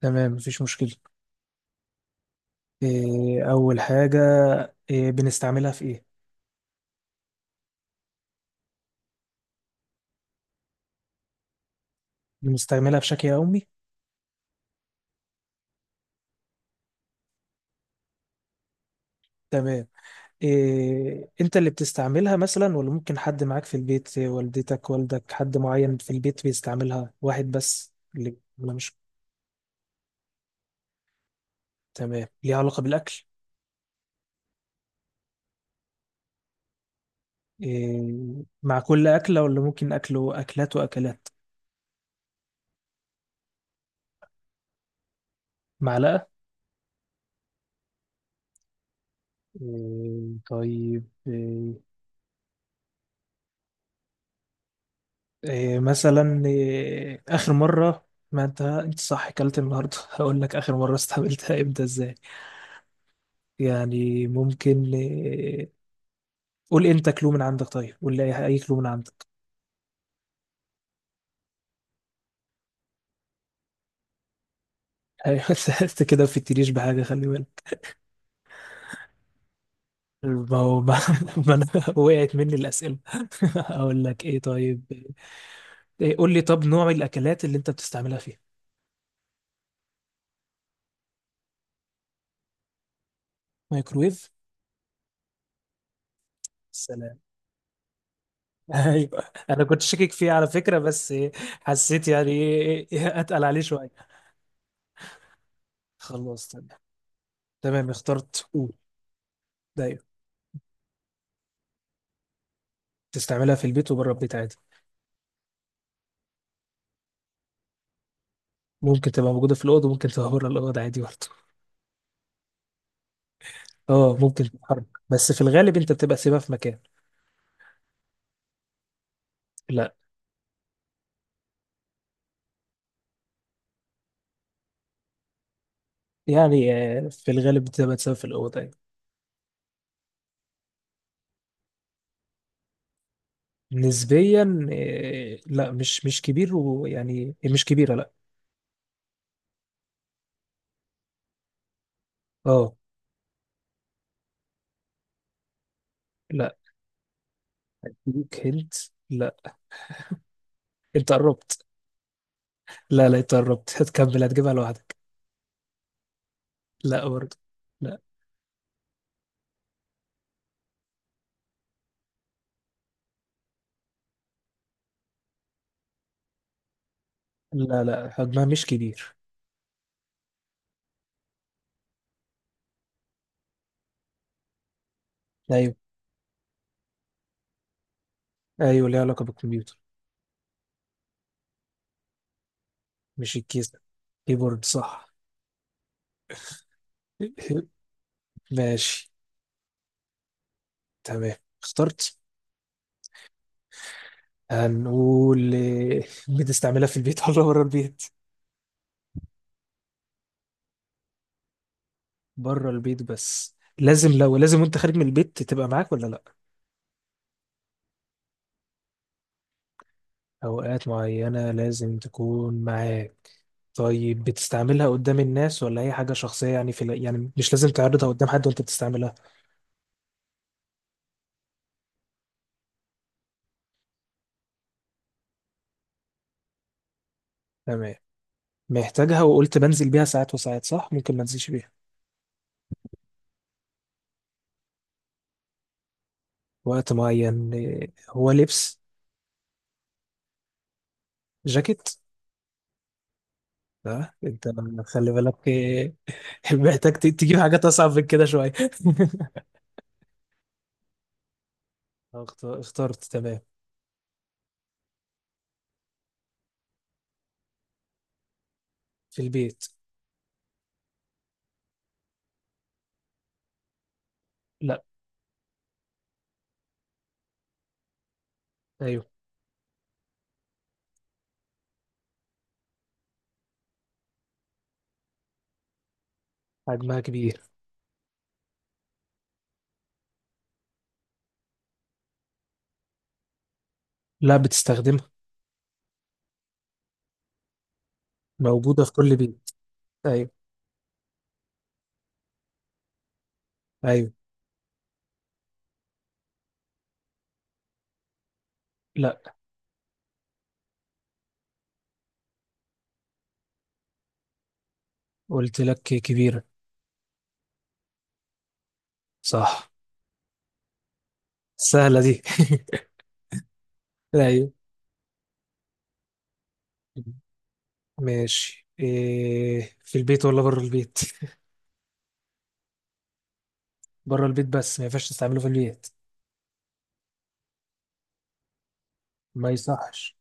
تمام، مفيش مشكلة. إيه أول حاجة، إيه بنستعملها في إيه؟ بنستعملها بشكل يومي؟ تمام. إيه أنت اللي بتستعملها مثلا، ولا ممكن حد معاك في البيت، إيه، والدتك والدك حد معين في البيت بيستعملها، واحد بس اللي ولا مش؟ تمام. ليها علاقة بالأكل؟ إيه، مع كل أكلة ولا ممكن أكله أكلات وأكلات؟ معلقة؟ إيه طيب، إيه، إيه مثلا، إيه آخر مرة، ما أنت صح أكلت النهاردة؟ هقول لك آخر مرة استقبلتها إمتى، إزاي. يعني ممكن إيه، قول أنت كلو من عندك. طيب قول لي، أي كلو من عندك. أيوة. أنت كده بتتريش بحاجة، خلي بالك. ما هو ما, ما أنا وقعت مني الأسئلة. أقول لك إيه طيب، إيه قول لي. طب نوع الأكلات اللي أنت بتستعملها فيها؟ مايكرويف. سلام. ايوه. انا كنت شاكك فيه على فكره، بس إيه، حسيت يعني إيه- إيه، إيه، اتقل عليه شويه. خلاص تمام. تمام اخترت، قول. دايما. تستعملها في البيت وبره البيت عادي. ممكن تبقى موجودة في الأوضة وممكن تبقى بره الأوضة عادي برضه. اه ممكن تتحرك، بس في الغالب أنت بتبقى سيبها في مكان. لا. يعني آه، في الغالب بتبقى تسيبها في الأوضة يعني. نسبيا. آه، لا مش كبير، ويعني مش كبيرة، لا. اه. لا. ليك هنت. لا، أنت قربت. لا لا، أنت قربت هتكمل، هتجيبها لوحدك. لا برضه. لا. لا لا، حجمها مش كبير. أيوه. أيوه ليها علاقة بالكمبيوتر. مش الكيسة. كيبورد صح. ماشي. تمام اخترت. هنقول إيه، بتستعملها في البيت ولا بره البيت؟ بره البيت، بس لازم لو لازم وانت خارج من البيت تبقى معاك ولا لا؟ اوقات معينة لازم تكون معاك. طيب بتستعملها قدام الناس، ولا هي حاجة شخصية، يعني يعني مش لازم تعرضها قدام حد وانت بتستعملها. تمام. محتاجها، وقلت بنزل بيها ساعات وساعات، صح؟ ممكن ما انزلش بيها. وقت معين إيه، هو لبس. جاكيت؟ لا انت، خلي بالك إيه، محتاج تجيب حاجات اصعب من كده شويه. اخترت. تمام. في البيت. لا. ايوه حجمها كبير. لا بتستخدمها. موجوده في كل بيت. ايوه. ايوه. لا، قلت لك كبيره. صح. سهله دي. ايوه. ماشي، إيه في البيت ولا بره البيت؟ بره البيت بس ما ينفعش تستعمله في البيت. ما يصحش.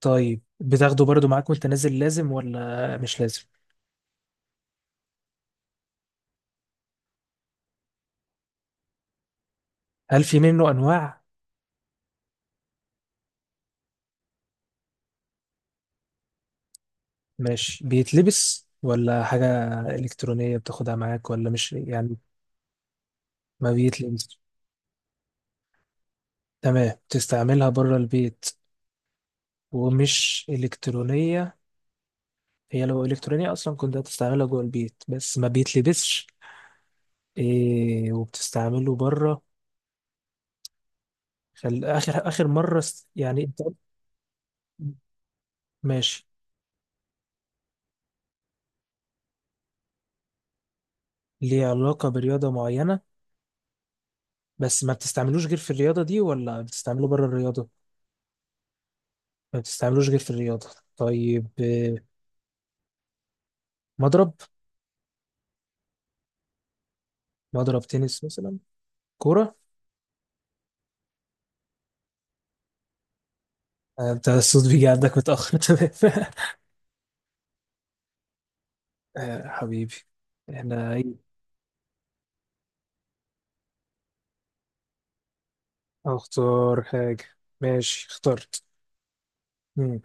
طيب بتاخده برضو معاك وانت نازل، لازم ولا مش لازم؟ هل في منه انواع؟ ماشي، بيتلبس ولا حاجة؟ إلكترونية بتاخدها معاك ولا مش، يعني؟ ما بيتلبس. تمام، تستعملها بره البيت ومش إلكترونية. هي لو إلكترونية أصلا كنت هتستعملها جوه البيت، بس ما بيتلبسش. إيه وبتستعمله بره. آخر مرة يعني أنت قلت. ماشي. ليه علاقة برياضة معينة، بس ما بتستعملوش غير في الرياضة دي، ولا بتستعمله بره الرياضة؟ ما بتستعملوش غير في الرياضة. طيب إيه، مضرب. مضرب تنس مثلا. كورة. آه، بتاع الصوت بيجي عندك متأخر تمام. آه، حبيبي. احنا ايه. اختار حاجة. ماشي، اخترت. مم.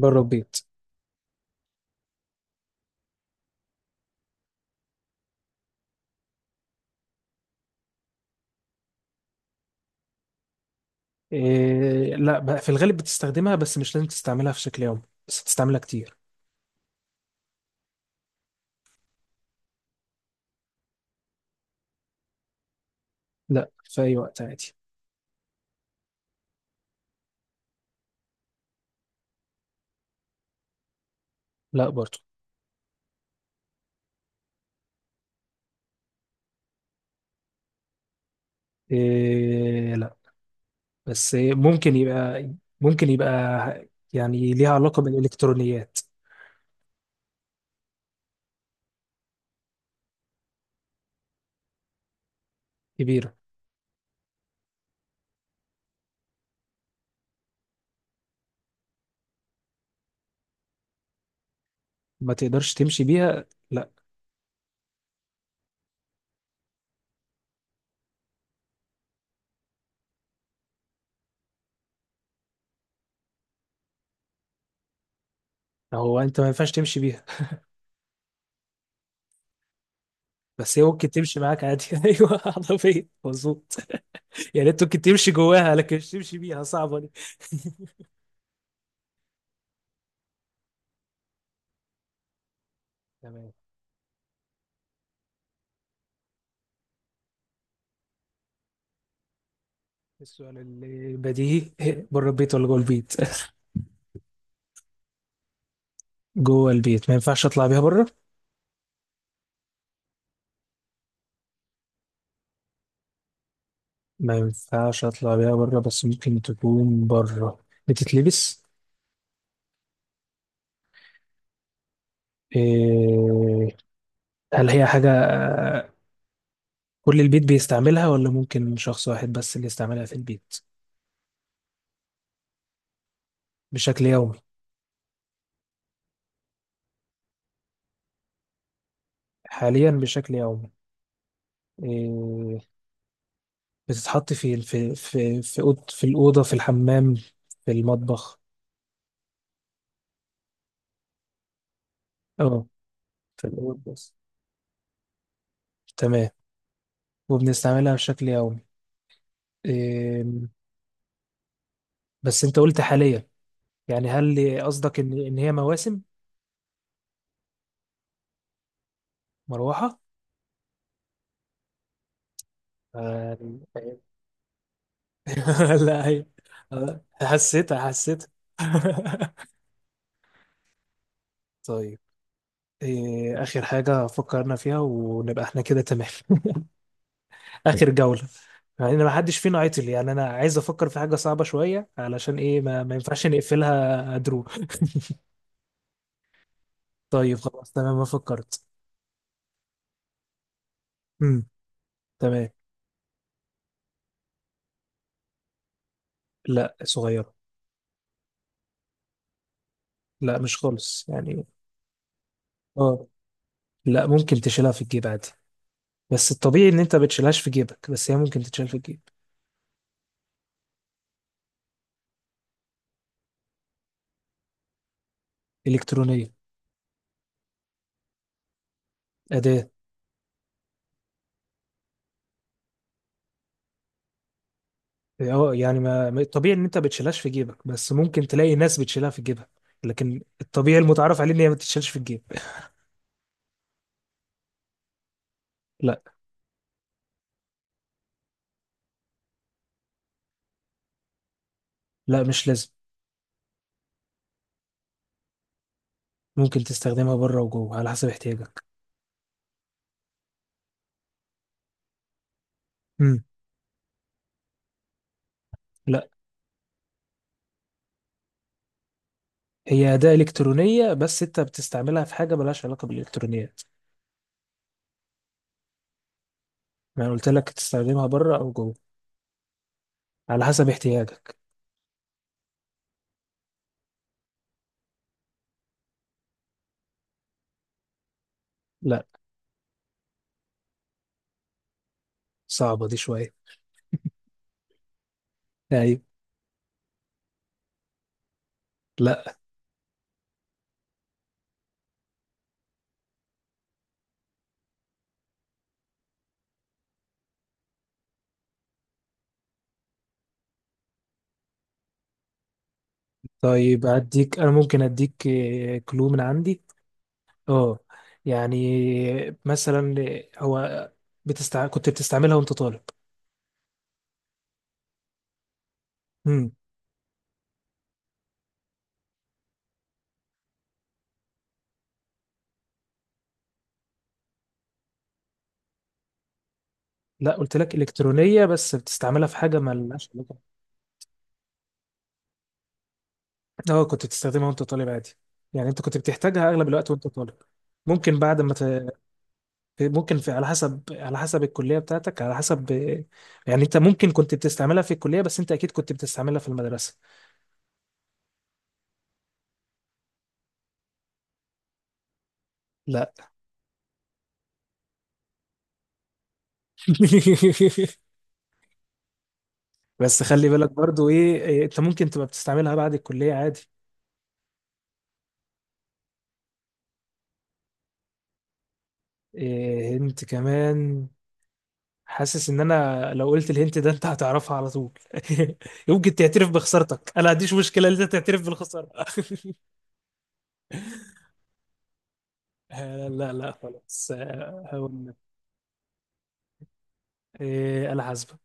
بره البيت. إيه لا بقى، في الغالب بتستخدمها بس مش لازم تستعملها في شكل يومي، بس بتستعملها كتير. لا، في أي وقت عادي. لا برضو. إيه لا، بس إيه ممكن يبقى، ممكن يبقى، يعني ليها علاقة بالإلكترونيات. كبيرة. ما تقدرش تمشي بيها، لا. هو انت ما ينفعش تمشي بيها، بس هي ممكن تمشي معاك عادي ايوه عربيه، مظبوط. يعني انت ممكن تمشي جواها، لكن مش تمشي بيها، صعبه دي. تمام. السؤال اللي بديهي إيه، بره البيت ولا جوه البيت؟ جوه البيت، ما ينفعش اطلع بيها بره. ما ينفعش اطلع بيها بره بس ممكن تكون بره. بتتلبس؟ إيه... هل هي حاجه آه، كل البيت بيستعملها ولا ممكن شخص واحد بس اللي يستعملها في البيت؟ بشكل يومي. حاليا بشكل يومي. إيه، بتتحط في الأوضة، في الحمام، في المطبخ؟ اه. في الأوضة بس. تمام. وبنستعملها بشكل يومي. إم، بس أنت قلت حاليا، يعني هل قصدك إن هي مواسم؟ مروحة؟ آه، لا هي. آه، حسيتها حسيتها طيب. إيه آخر حاجة فكرنا فيها ونبقى احنا كده تمام. اخر جولة. يعني انا ما حدش فينا عطل، يعني انا عايز افكر في حاجة صعبة شوية، علشان ايه ما ينفعش نقفلها درو. طيب خلاص تمام، ما فكرت. امم. تمام. لا صغيرة. لا مش خالص يعني. اه لا ممكن تشيلها في الجيب عادي، بس الطبيعي ان انت ما بتشيلهاش في جيبك، بس هي ممكن تتشال في الجيب. الكترونية. أداة. اه يعني الطبيعي ان انت ما بتشيلهاش في جيبك، بس ممكن تلاقي ناس بتشيلها في جيبها، لكن الطبيعي المتعارف عليه ان هي ما بتتشالش في الجيب. لا. لا مش لازم. ممكن تستخدمها بره وجوه على حسب احتياجك. امم. لا، هي أداة إلكترونية بس أنت بتستعملها في حاجة ملهاش علاقة بالإلكترونيات. ما أنا قلت لك تستخدمها بره أو جوه، على حسب احتياجك. لا. صعبة دي شوية. أيوة. لا. طيب أديك، أنا ممكن أديك آه، كلو من عندي. أه. يعني مثلا، هو كنت بتستعملها وأنت طالب. امم. لا، قلت لك إلكترونية بس بتستعملها في حاجة ملهاش علاقة. اه كنت بتستخدمها وانت طالب عادي، يعني انت كنت بتحتاجها اغلب الوقت وانت طالب. ممكن بعد ما ت... ممكن في، على حسب على حسب الكلية بتاعتك، على حسب، يعني انت ممكن كنت بتستعملها في الكلية، بس انت اكيد كنت بتستعملها في المدرسة. لا بس خلي بالك برضو ايه إيه، انت ممكن تبقى بتستعملها بعد الكلية عادي. إيه هنت كمان، حاسس ان انا لو قلت الهنت ده انت هتعرفها على طول يمكن تعترف بخسارتك، انا ما عنديش مشكلة ان انت تعترف بالخسارة آه، لا لا خلاص، آه، هقول لك. إيه انا حاسبه.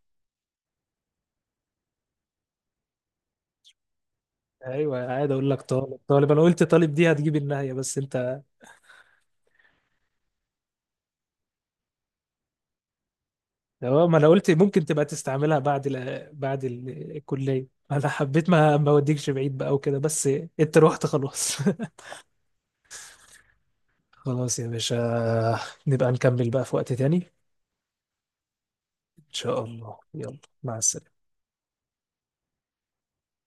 ايوه عادي اقول لك. طالب، انا قلت طالب دي هتجيب النهايه بس انت. اه ما انا قلت ممكن تبقى تستعملها بعد الكليه، انا حبيت ما اوديكش بعيد بقى وكده بس. انت روحت خلاص خلاص يا باشا، نبقى نكمل بقى في وقت تاني. ان شاء الله يلا، مع السلامه.